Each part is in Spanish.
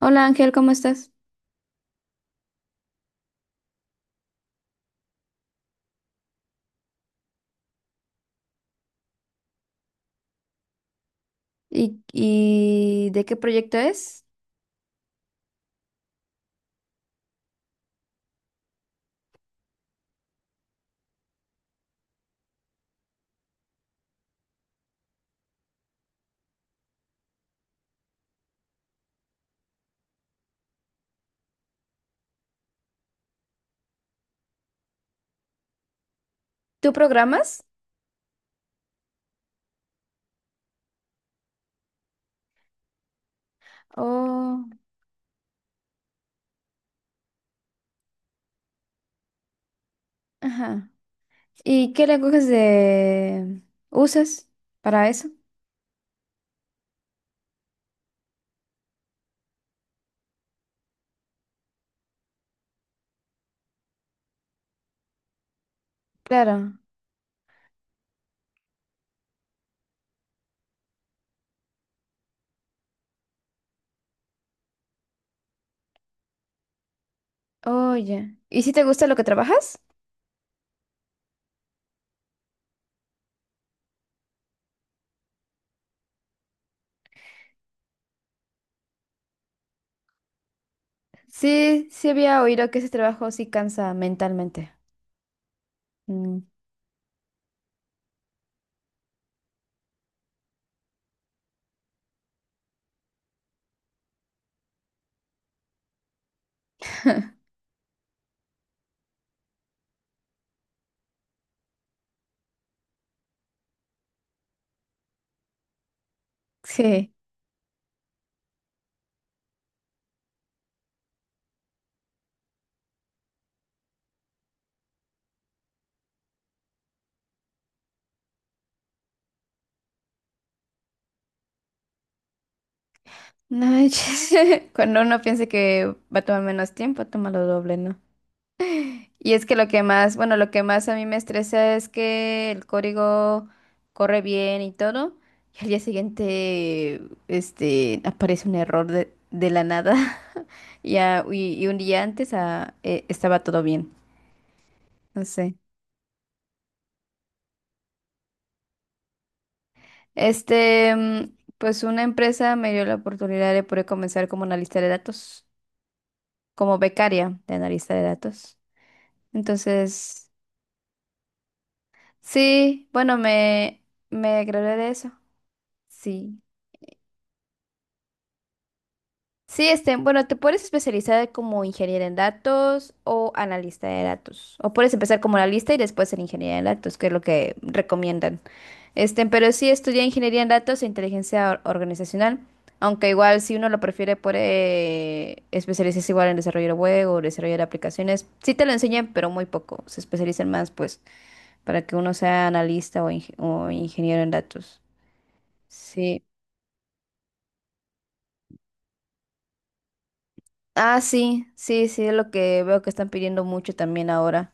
Hola Ángel, ¿cómo estás? ¿Y de qué proyecto es? ¿Tú programas? Oh, ajá. ¿Y qué lenguajes de usas para eso? Claro. Oye. ¿Y si te gusta lo que trabajas? Sí, sí había oído que ese trabajo sí cansa mentalmente. Mm, sí. No, cuando uno piense que va a tomar menos tiempo, toma lo doble, ¿no? Y es que lo que más, bueno, lo que más a mí me estresa es que el código corre bien y todo, y al día siguiente, este, aparece un error de la nada, ya y un día antes estaba todo bien, no sé. Este, pues una empresa me dio la oportunidad de poder comenzar como analista de datos, como becaria de analista de datos. Entonces, sí, bueno, me gradué de eso, sí. Sí, este, bueno, te puedes especializar como ingeniera en datos o analista de datos. O puedes empezar como analista y después ser ingeniera en datos, que es lo que recomiendan. Este, pero sí estudia ingeniería en datos e inteligencia organizacional. Aunque igual si uno lo prefiere puede especializarse igual en desarrollo de web o desarrollo de aplicaciones. Sí te lo enseñan, pero muy poco. Se especializan más, pues, para que uno sea analista o, o ingeniero en datos. Sí. Ah, sí, sí, sí, es lo que veo que están pidiendo mucho también ahora.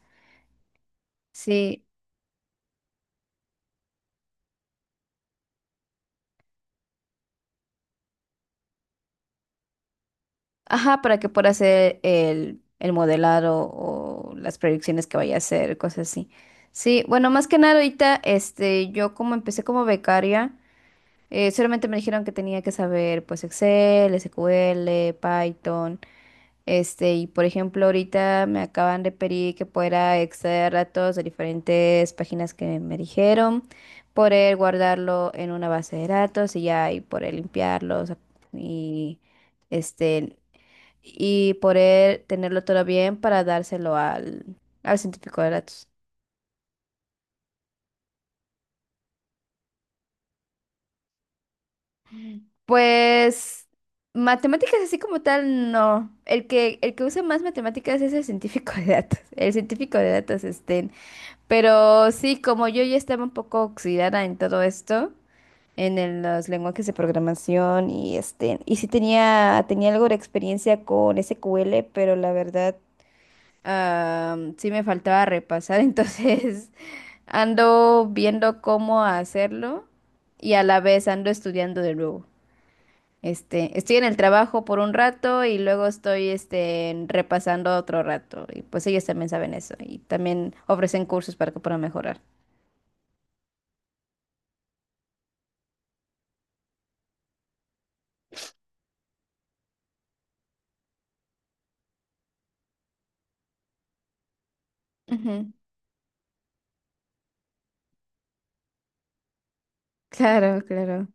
Sí, ajá, para que pueda hacer el modelado o las predicciones que vaya a hacer, cosas así. Sí, bueno, más que nada ahorita, este, yo como empecé como becaria, solamente me dijeron que tenía que saber pues Excel, SQL, Python, este, y por ejemplo ahorita me acaban de pedir que pueda extraer datos de diferentes páginas que me dijeron, poder guardarlo en una base de datos y ya, y poder limpiarlos y este y poder tenerlo todo bien para dárselo al científico de datos. Pues matemáticas así como tal, no. El que usa más matemáticas es el científico de datos. El científico de datos estén. Pero sí, como yo ya estaba un poco oxidada en todo esto, en los lenguajes de programación y este, y sí tenía algo de experiencia con SQL, pero la verdad. Ah, sí me faltaba repasar, entonces ando viendo cómo hacerlo y a la vez ando estudiando de nuevo. Este, estoy en el trabajo por un rato y luego estoy este, repasando otro rato. Y pues ellos también saben eso y también ofrecen cursos para que puedan mejorar. Ujú. Claro, claro.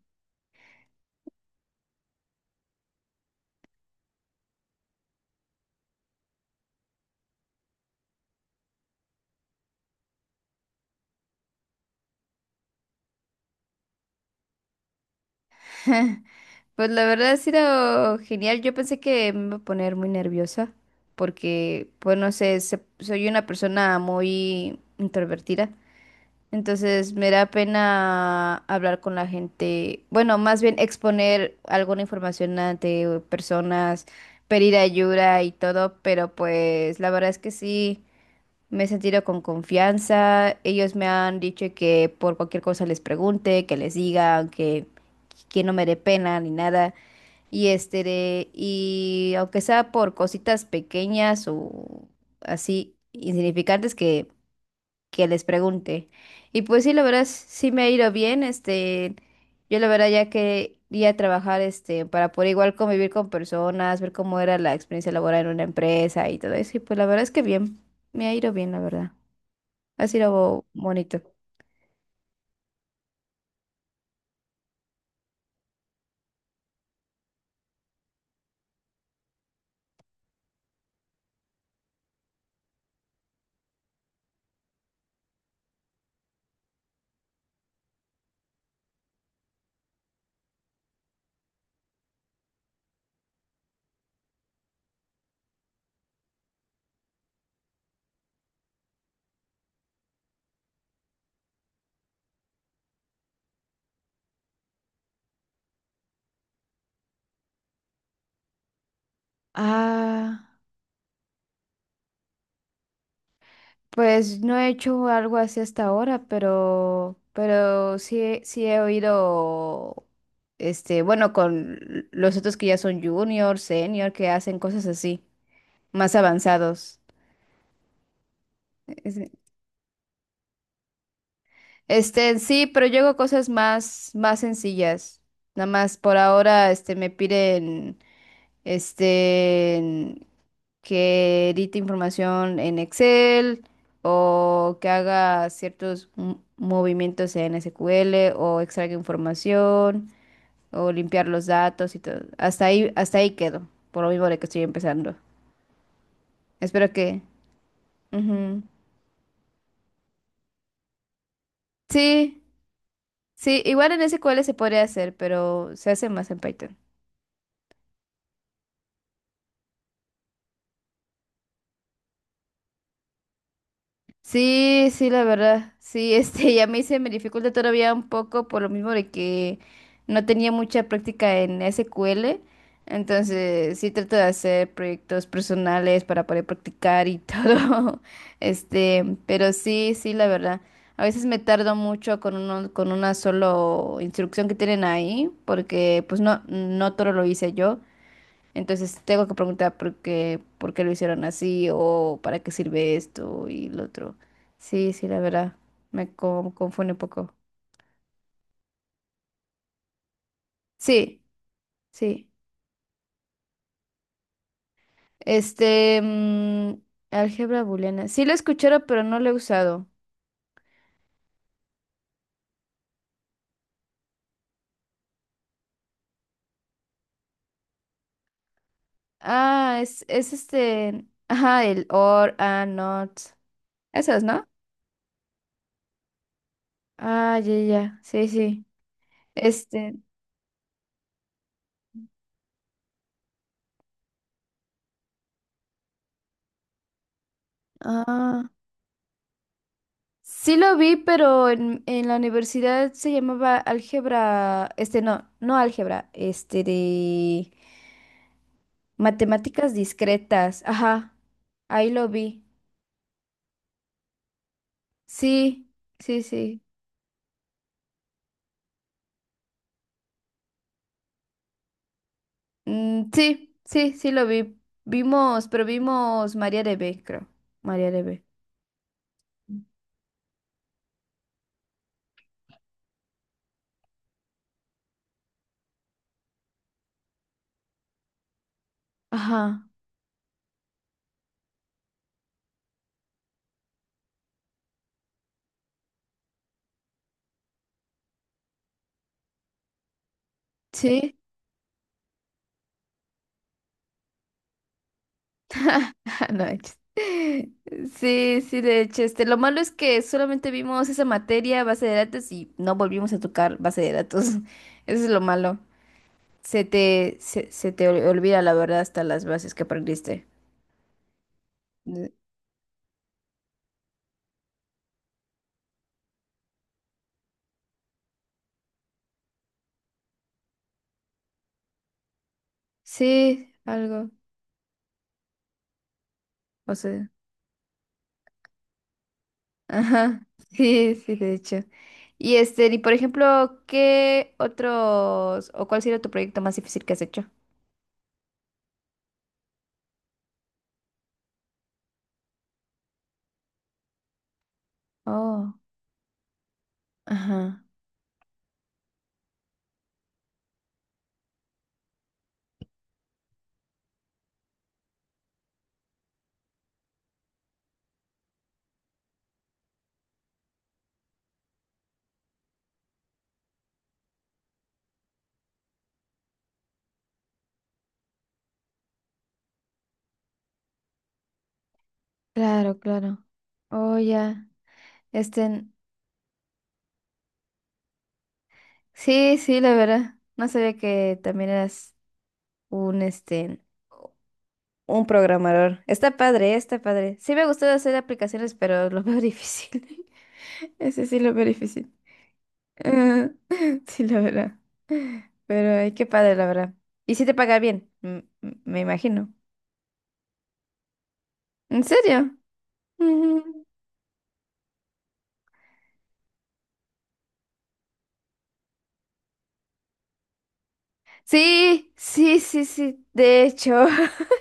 Pues la verdad ha sido genial. Yo pensé que me iba a poner muy nerviosa porque, pues no sé, soy una persona muy introvertida. Entonces me da pena hablar con la gente, bueno, más bien exponer alguna información ante personas, pedir ayuda y todo, pero pues la verdad es que sí, me he sentido con confianza. Ellos me han dicho que por cualquier cosa les pregunte, que les diga, que no me dé pena ni nada. Y este, de- y aunque sea por cositas pequeñas o así insignificantes que les pregunte. Y pues sí, la verdad, sí me ha ido bien, este, yo la verdad ya quería trabajar, este, para poder igual convivir con personas, ver cómo era la experiencia laboral en una empresa y todo eso, y pues la verdad es que bien, me ha ido bien, la verdad, ha sido bonito. Ah, pues no he hecho algo así hasta ahora, pero sí, sí he oído, este, bueno, con los otros que ya son junior, senior, que hacen cosas así, más avanzados. Ese- este, sí, pero yo hago cosas más, más sencillas. Nada más por ahora, este, me piden, este, en- que edite información en Excel o que haga ciertos movimientos en SQL o extraiga información o limpiar los datos y todo. Hasta ahí quedo, por lo mismo de que estoy empezando. Espero que... ujú. Sí, sí, igual en SQL se podría hacer, pero se hace más en Python. Sí, sí, la verdad. Sí, este, ya me hice, me dificulta todavía un poco por lo mismo de que no tenía mucha práctica en SQL. Entonces, sí trato de hacer proyectos personales para poder practicar y todo. Este, pero sí, sí, la verdad. A veces me tardo mucho con uno, con una solo instrucción que tienen ahí, porque pues no, no todo lo hice yo. Entonces tengo que preguntar por qué lo hicieron así o para qué sirve esto y lo otro. Sí, sí, la verdad, me confunde un poco. Sí, sí. Este, mm, álgebra booleana. Sí lo he escuchado pero no lo he usado. El or, and, not. Esos, ¿no? Ah, ya. Sí, sí. Este, ah. Sí lo vi, pero en la universidad se llamaba álgebra, este no, no álgebra, este de matemáticas discretas, ajá, ahí lo vi. Sí, sí, sí. Mm, sí, sí lo vi. Vimos, pero vimos María de B, creo. María de B. Ajá. Sí. No, de hecho sí, de hecho, este, lo malo es que solamente vimos esa materia, base de datos, y no volvimos a tocar base de datos. Eso es lo malo. Se te olvida la verdad hasta las bases que aprendiste. De- sí, algo. O sea, ajá. Sí, sí, de hecho. Y este, y por ejemplo, ¿qué otros, o cuál sería tu proyecto más difícil que has hecho? Oh, ajá. Claro, claro. Oh, ya. Este, sí, sí, la verdad. No sabía que también eras un, este, un programador. Está padre, está padre. Sí me ha gustado hacer aplicaciones, pero lo veo difícil. Ese sí lo veo difícil. Ah, sí, la verdad. Pero ay, qué padre, la verdad. Y si te paga bien, me imagino. ¿En serio? Ujú. Sí, sí, sí, sí. De hecho.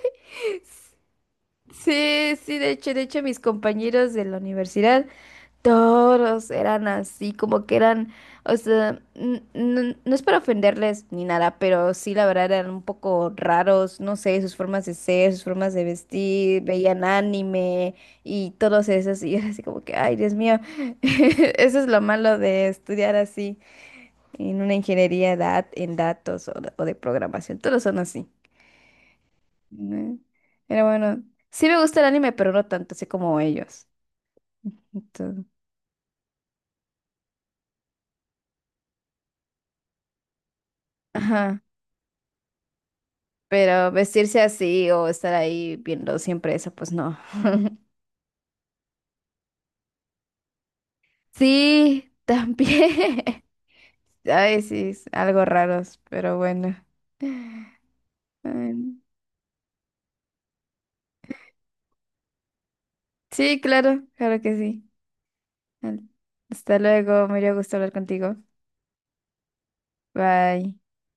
Sí, sí, de hecho, mis compañeros de la universidad. Todos eran así, como que eran, o sea, no, es para ofenderles ni nada, pero sí, la verdad eran un poco raros, no sé, sus formas de ser, sus formas de vestir, veían anime y todos esos, y era así como que, ay, Dios mío, eso es lo malo de estudiar así en una ingeniería en datos o de programación, todos son así, ¿no? Pero bueno, sí me gusta el anime, pero no tanto así como ellos. Entonces, ajá. Pero vestirse así o estar ahí viendo siempre eso, pues no. Sí, también. Ay, sí, es algo raros, pero bueno. Ay, sí, claro, claro que sí. Al- hasta luego, me dio gusto hablar contigo. Bye.